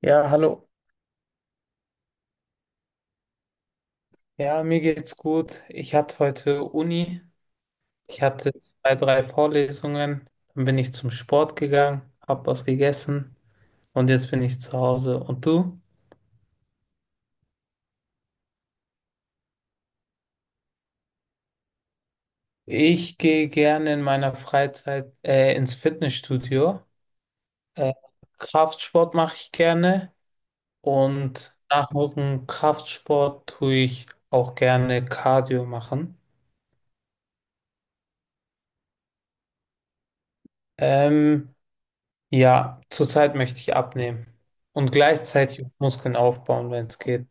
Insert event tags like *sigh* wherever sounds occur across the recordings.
Ja, hallo. Ja, mir geht's gut. Ich hatte heute Uni. Ich hatte zwei, drei Vorlesungen. Dann bin ich zum Sport gegangen, hab was gegessen und jetzt bin ich zu Hause. Und du? Ich gehe gerne in meiner Freizeit ins Fitnessstudio. Äh, Kraftsport mache ich gerne und nach dem Kraftsport tue ich auch gerne Cardio machen. Ähm, Ja, zurzeit möchte ich abnehmen und gleichzeitig Muskeln aufbauen, wenn es geht.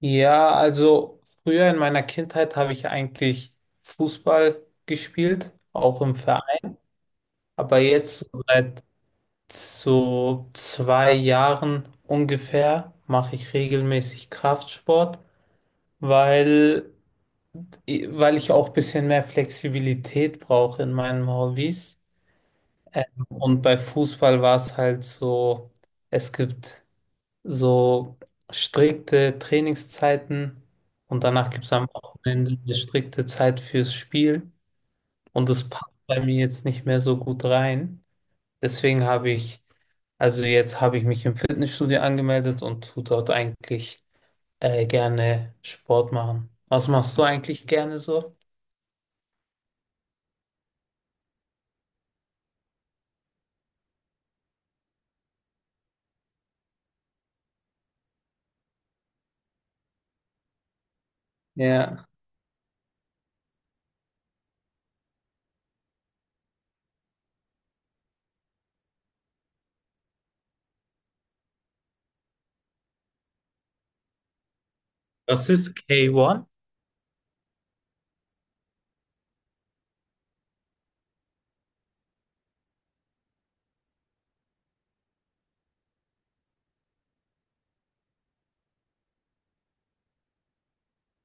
Ja, also früher in meiner Kindheit habe ich eigentlich Fußball gespielt, auch im Verein. Aber jetzt so seit so 2 Jahren ungefähr mache ich regelmäßig Kraftsport, weil, weil ich auch ein bisschen mehr Flexibilität brauche in meinen Hobbys. Und bei Fußball war es halt so, es gibt so strikte Trainingszeiten und danach gibt es am Wochenende eine strikte Zeit fürs Spiel und das passt bei mir jetzt nicht mehr so gut rein. Deswegen habe ich, also jetzt habe ich mich im Fitnessstudio angemeldet und tue dort eigentlich gerne Sport machen. Was machst du eigentlich gerne so? Ja. Was ist K1?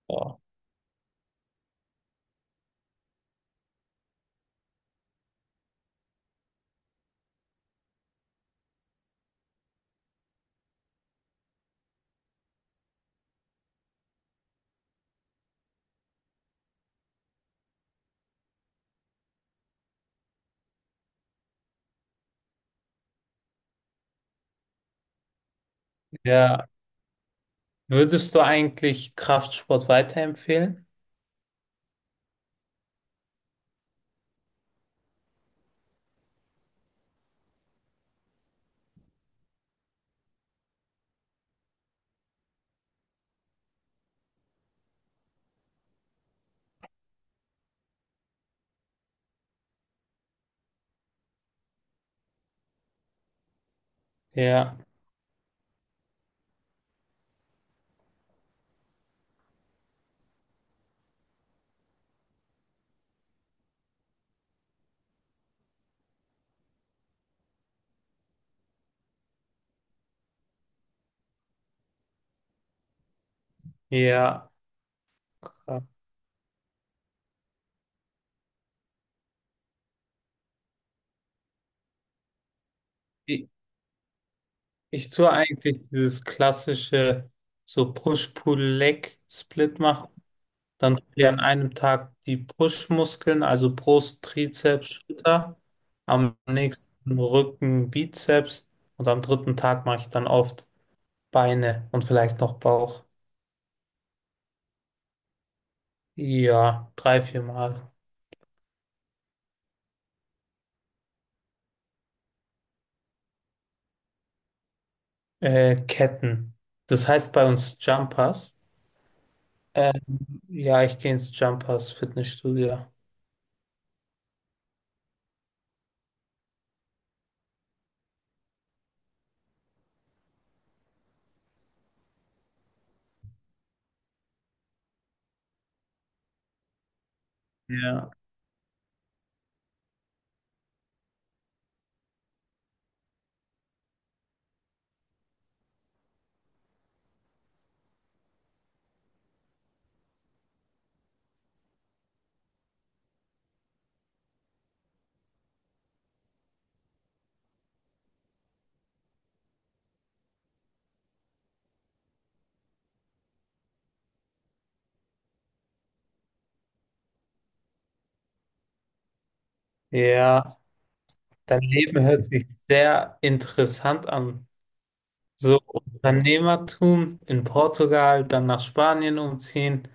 Oh. Ja. Würdest du eigentlich Kraftsport weiterempfehlen? Ja. Ja. Kraft. Ich tue eigentlich dieses klassische so Push-Pull-Leg-Split machen. Dann tue ich an einem Tag die Push-Muskeln, also Brust, Trizeps, Schulter. Am nächsten Rücken, Bizeps. Und am dritten Tag mache ich dann oft Beine und vielleicht noch Bauch. Ja, drei, vier Mal. Ketten. Das heißt bei uns Jumpers. Ähm, ja, ich gehe ins Jumpers Fitnessstudio. Ja. Ja. Dein Leben hört sich sehr interessant an. So Unternehmertum in Portugal, dann nach Spanien umziehen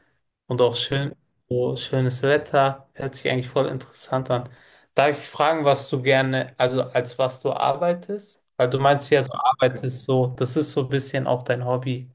und auch schön, so schönes Wetter, hört sich eigentlich voll interessant an. Darf ich fragen, was du gerne, also als was du arbeitest? Weil du meinst ja, du arbeitest so, das ist so ein bisschen auch dein Hobby.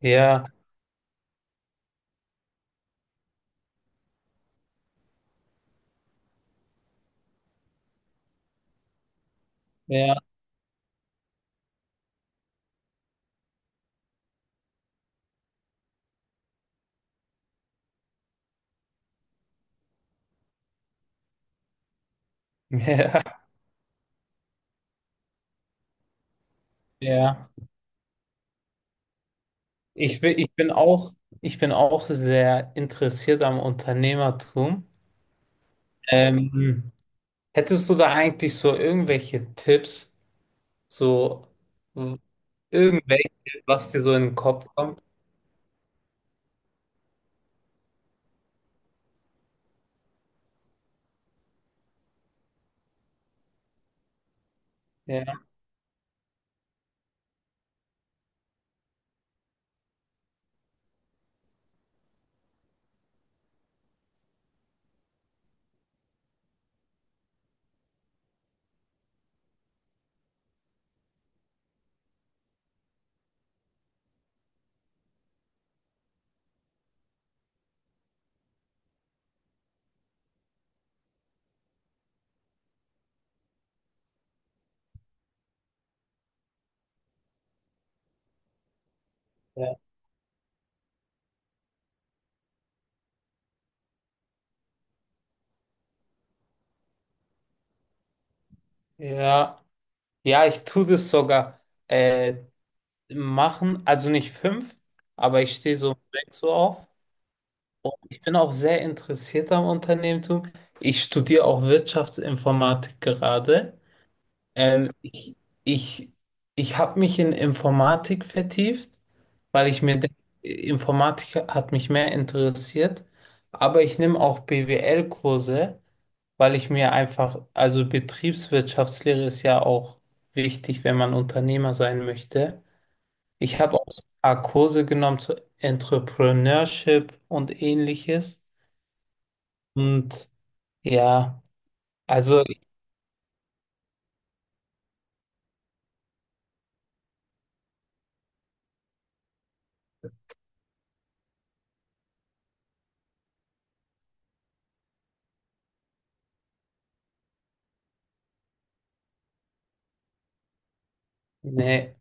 Ja, ja, *laughs* ja, ja. Ich bin, ich bin auch, ich bin auch sehr interessiert am Unternehmertum. Ähm, Hättest du da eigentlich so irgendwelche Tipps, so mh, irgendwelche, was dir so in den Kopf kommt? Ja, ja, ja. Ja, ich tue das sogar äh, machen, also nicht fünf, aber ich stehe so um 6 Uhr auf und ich bin auch sehr interessiert am Unternehmertum. Ich studiere auch Wirtschaftsinformatik gerade. Ähm, ich ich, ich habe mich in Informatik vertieft, weil ich mir denke, Informatik hat mich mehr interessiert. Aber ich nehme auch BWL-Kurse, weil ich mir einfach, also Betriebswirtschaftslehre ist ja auch wichtig, wenn man Unternehmer sein möchte. Ich habe auch so ein paar Kurse genommen zu Entrepreneurship und ähnliches. Und ja, also ne,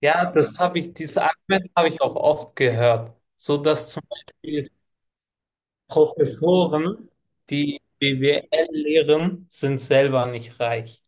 ja, das habe ich, dieses Argument habe ich auch oft gehört. So dass zum Beispiel Professoren, die BWL lehren, sind selber nicht reich.